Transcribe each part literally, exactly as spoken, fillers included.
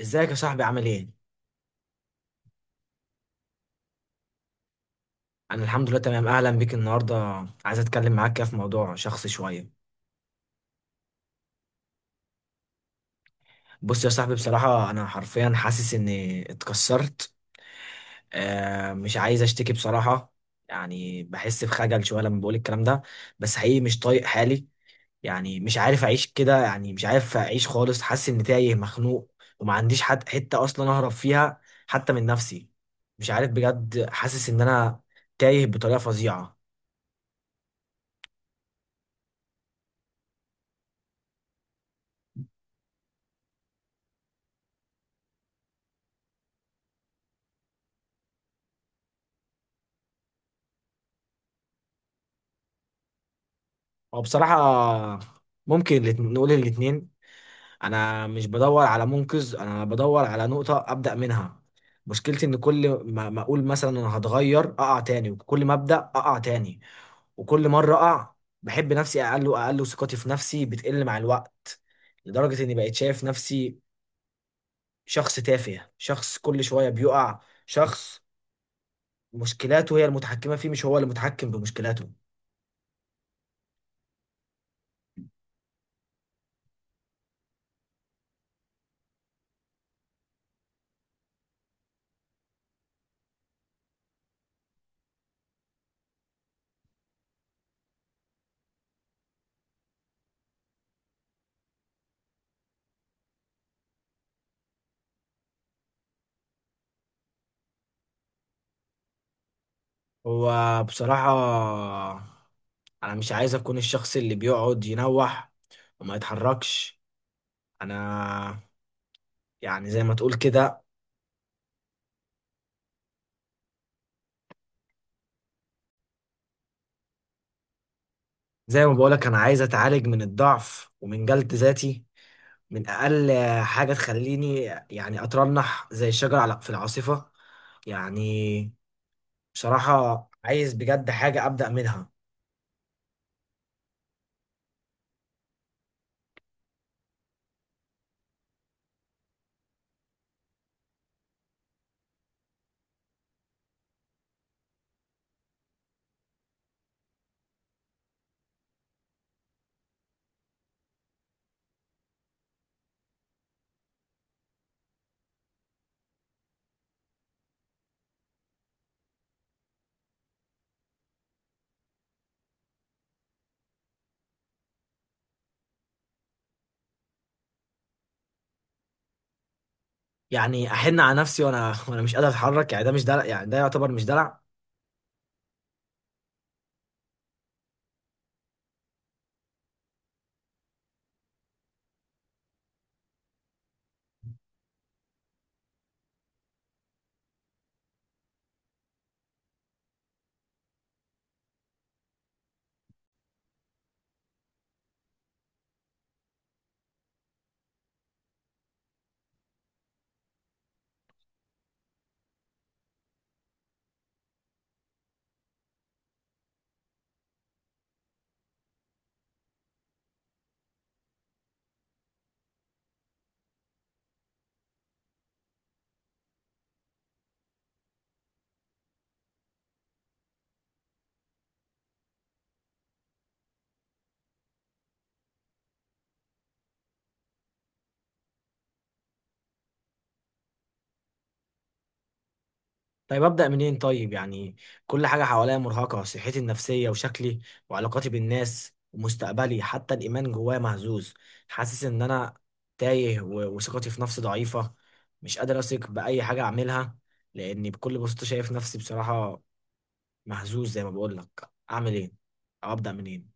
ازيك يا صاحبي؟ عامل ايه؟ انا الحمد لله تمام، اهلا بيك النهارده. عايز اتكلم معاك كده في موضوع شخصي شويه. بص يا صاحبي، بصراحه انا حرفيا حاسس اني اتكسرت. آه، مش عايز اشتكي بصراحه. يعني بحس بخجل شويه لما بقول الكلام ده، بس حقيقي مش طايق حالي. يعني مش عارف اعيش كده، يعني مش عارف اعيش خالص حاسس اني تايه مخنوق، وما عنديش حد حته اصلا اهرب فيها، حتى من نفسي. مش عارف بجد، حاسس ان انا تايه بطريقه فظيعه. هو بصراحة ممكن الات- نقول الاتنين. أنا مش بدور على منقذ، أنا بدور على نقطة أبدأ منها. مشكلتي إن كل ما ما أقول مثلا أنا هتغير أقع تاني، وكل ما أبدأ أقع تاني. وكل مرة أقع، بحب نفسي أقل وأقل، وثقتي في نفسي بتقل مع الوقت، لدرجة إني بقيت شايف نفسي شخص تافه، شخص كل شوية بيقع، شخص مشكلاته هي المتحكمة فيه، مش هو اللي متحكم بمشكلاته. هو بصراحة انا مش عايز اكون الشخص اللي بيقعد ينوح وما يتحركش. انا يعني زي ما تقول كده، زي ما بقولك انا عايز اتعالج من الضعف ومن جلد ذاتي، من اقل حاجة تخليني يعني اترنح زي الشجر على- في العاصفة. يعني بصراحة عايز بجد حاجة ابدأ منها. يعني احن على نفسي وانا وانا مش قادر اتحرك، يعني ده مش دلع؟ يعني ده يعتبر مش دلع؟ طيب أبدأ منين طيب؟ يعني كل حاجة حواليا مرهقة، صحتي النفسية وشكلي وعلاقاتي بالناس ومستقبلي، حتى الإيمان جوايا مهزوز. حاسس إن أنا تايه، و- وثقتي في نفسي ضعيفة، مش قادر أثق بأي حاجة أعملها، لأني بكل بساطة شايف نفسي بصراحة مهزوز. زي ما بقولك، أعمل إيه أو أبدأ منين؟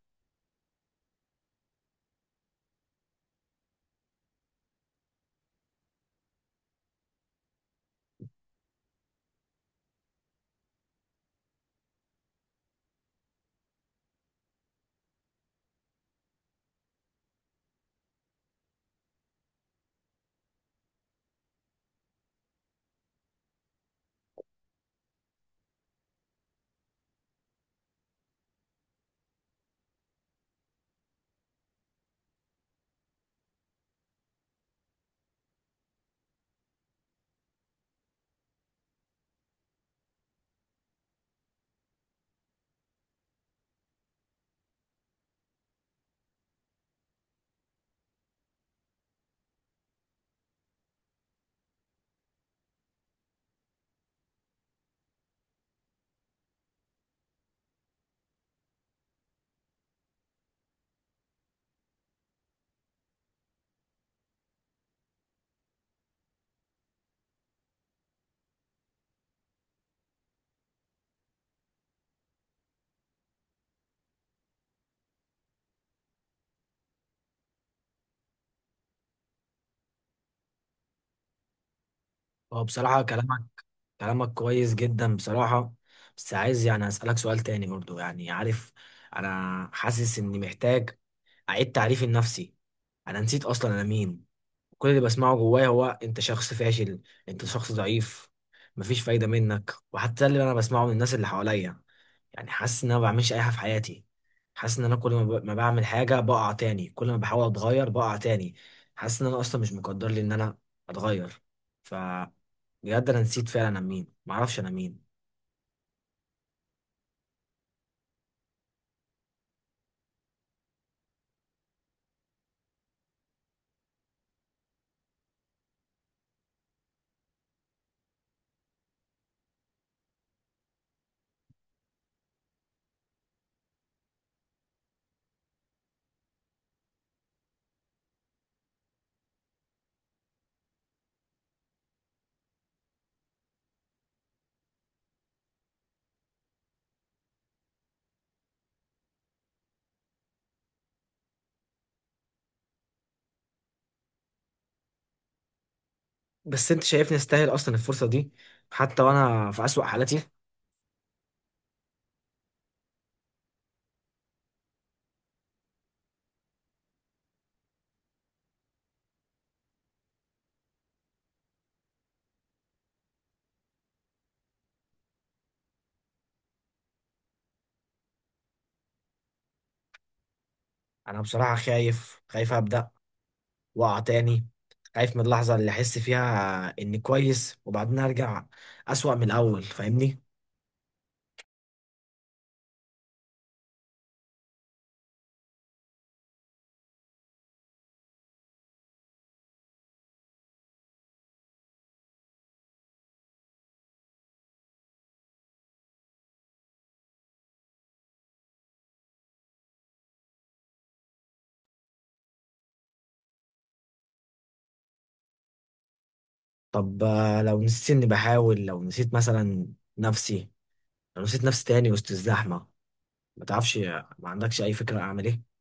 هو بصراحة كلامك، كلامك كويس جدا بصراحة. بس عايز يعني أسألك سؤال تاني برضو، يعني عارف، أنا حاسس إني محتاج أعيد تعريفي لنفسي. أنا نسيت أصلا أنا مين. كل اللي بسمعه جوايا هو: أنت شخص فاشل، أنت شخص ضعيف، مفيش فايدة منك. وحتى اللي أنا بسمعه من الناس اللي حواليا، يعني حاسس إن أنا ما بعملش أي حاجة في حياتي. حاسس إن أنا كل ما ب- ما بعمل حاجة بقع تاني، كل ما بحاول أتغير بقع تاني. حاسس إن أنا أصلا مش مقدر لي إن أنا أتغير. بجد انا نسيت فعلا انا مين، معرفش انا مين. بس انت شايفني استاهل اصلا الفرصه دي، حتى وانا في اسوأ حالاتي؟ انا بصراحه خايف، خايف ابدا واقع تاني. خايف من اللحظه اللي احس فيها اني كويس وبعدين ارجع اسوأ من الاول، فاهمني؟ طب آه، لو نسيت اني بحاول، لو نسيت مثلا نفسي، لو نسيت نفسي تاني وسط الزحمه، ما تعرفش ما عندكش اي فكره اعمل ايه؟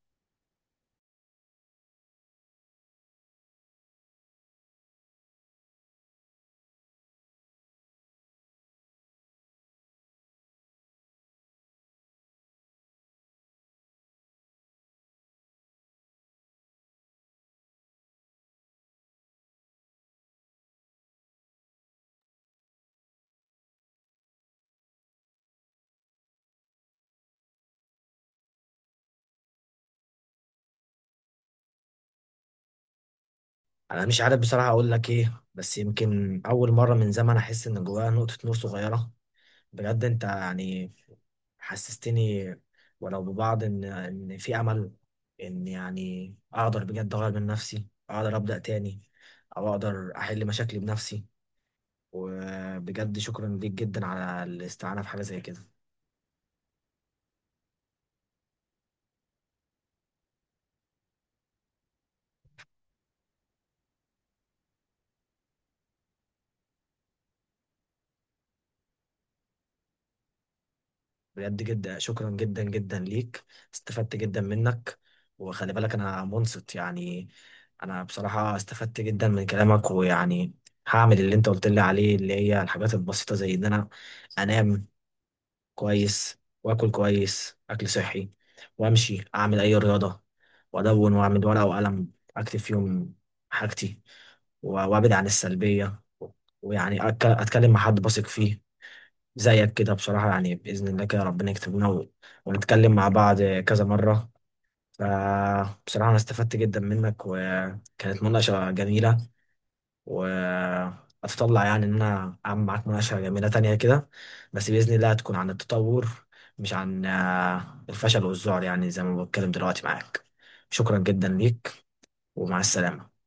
انا مش عارف بصراحه اقول لك ايه، بس يمكن اول مره من زمان احس ان جوايا نقطه نور صغيره. بجد انت يعني حسستني ولو ببعض ان ان في امل، ان يعني اقدر بجد اغير من نفسي، اقدر ابدا تاني، او اقدر احل مشاكلي بنفسي. وبجد شكرا ليك جدا على الاستعانه في حاجه زي كده. بجد جدا، شكرا جدا جدا ليك، استفدت جدا منك. وخلي بالك انا منصت يعني، انا بصراحه استفدت جدا من كلامك. ويعني هعمل اللي انت قلت لي عليه، اللي هي الحاجات البسيطه، زي ان انا انام كويس واكل كويس اكل صحي، وامشي اعمل اي رياضه، وادون واعمل ورقه وقلم اكتب فيهم حاجتي، و- وابعد عن السلبيه، ويعني أتك- اتكلم مع حد بثق فيه زيك كده بصراحه. يعني باذن الله كده ربنا يكتب لنا و- ونتكلم مع بعض كذا مره. فبصراحه انا استفدت جدا منك، وكانت مناقشه جميله. واتطلع يعني ان انا اعمل معاك مناقشه جميله تانية كده، بس باذن الله هتكون عن التطور، مش عن آه، الفشل والذعر، يعني زي ما بتكلم دلوقتي معاك. شكرا جدا ليك، ومع السلامه.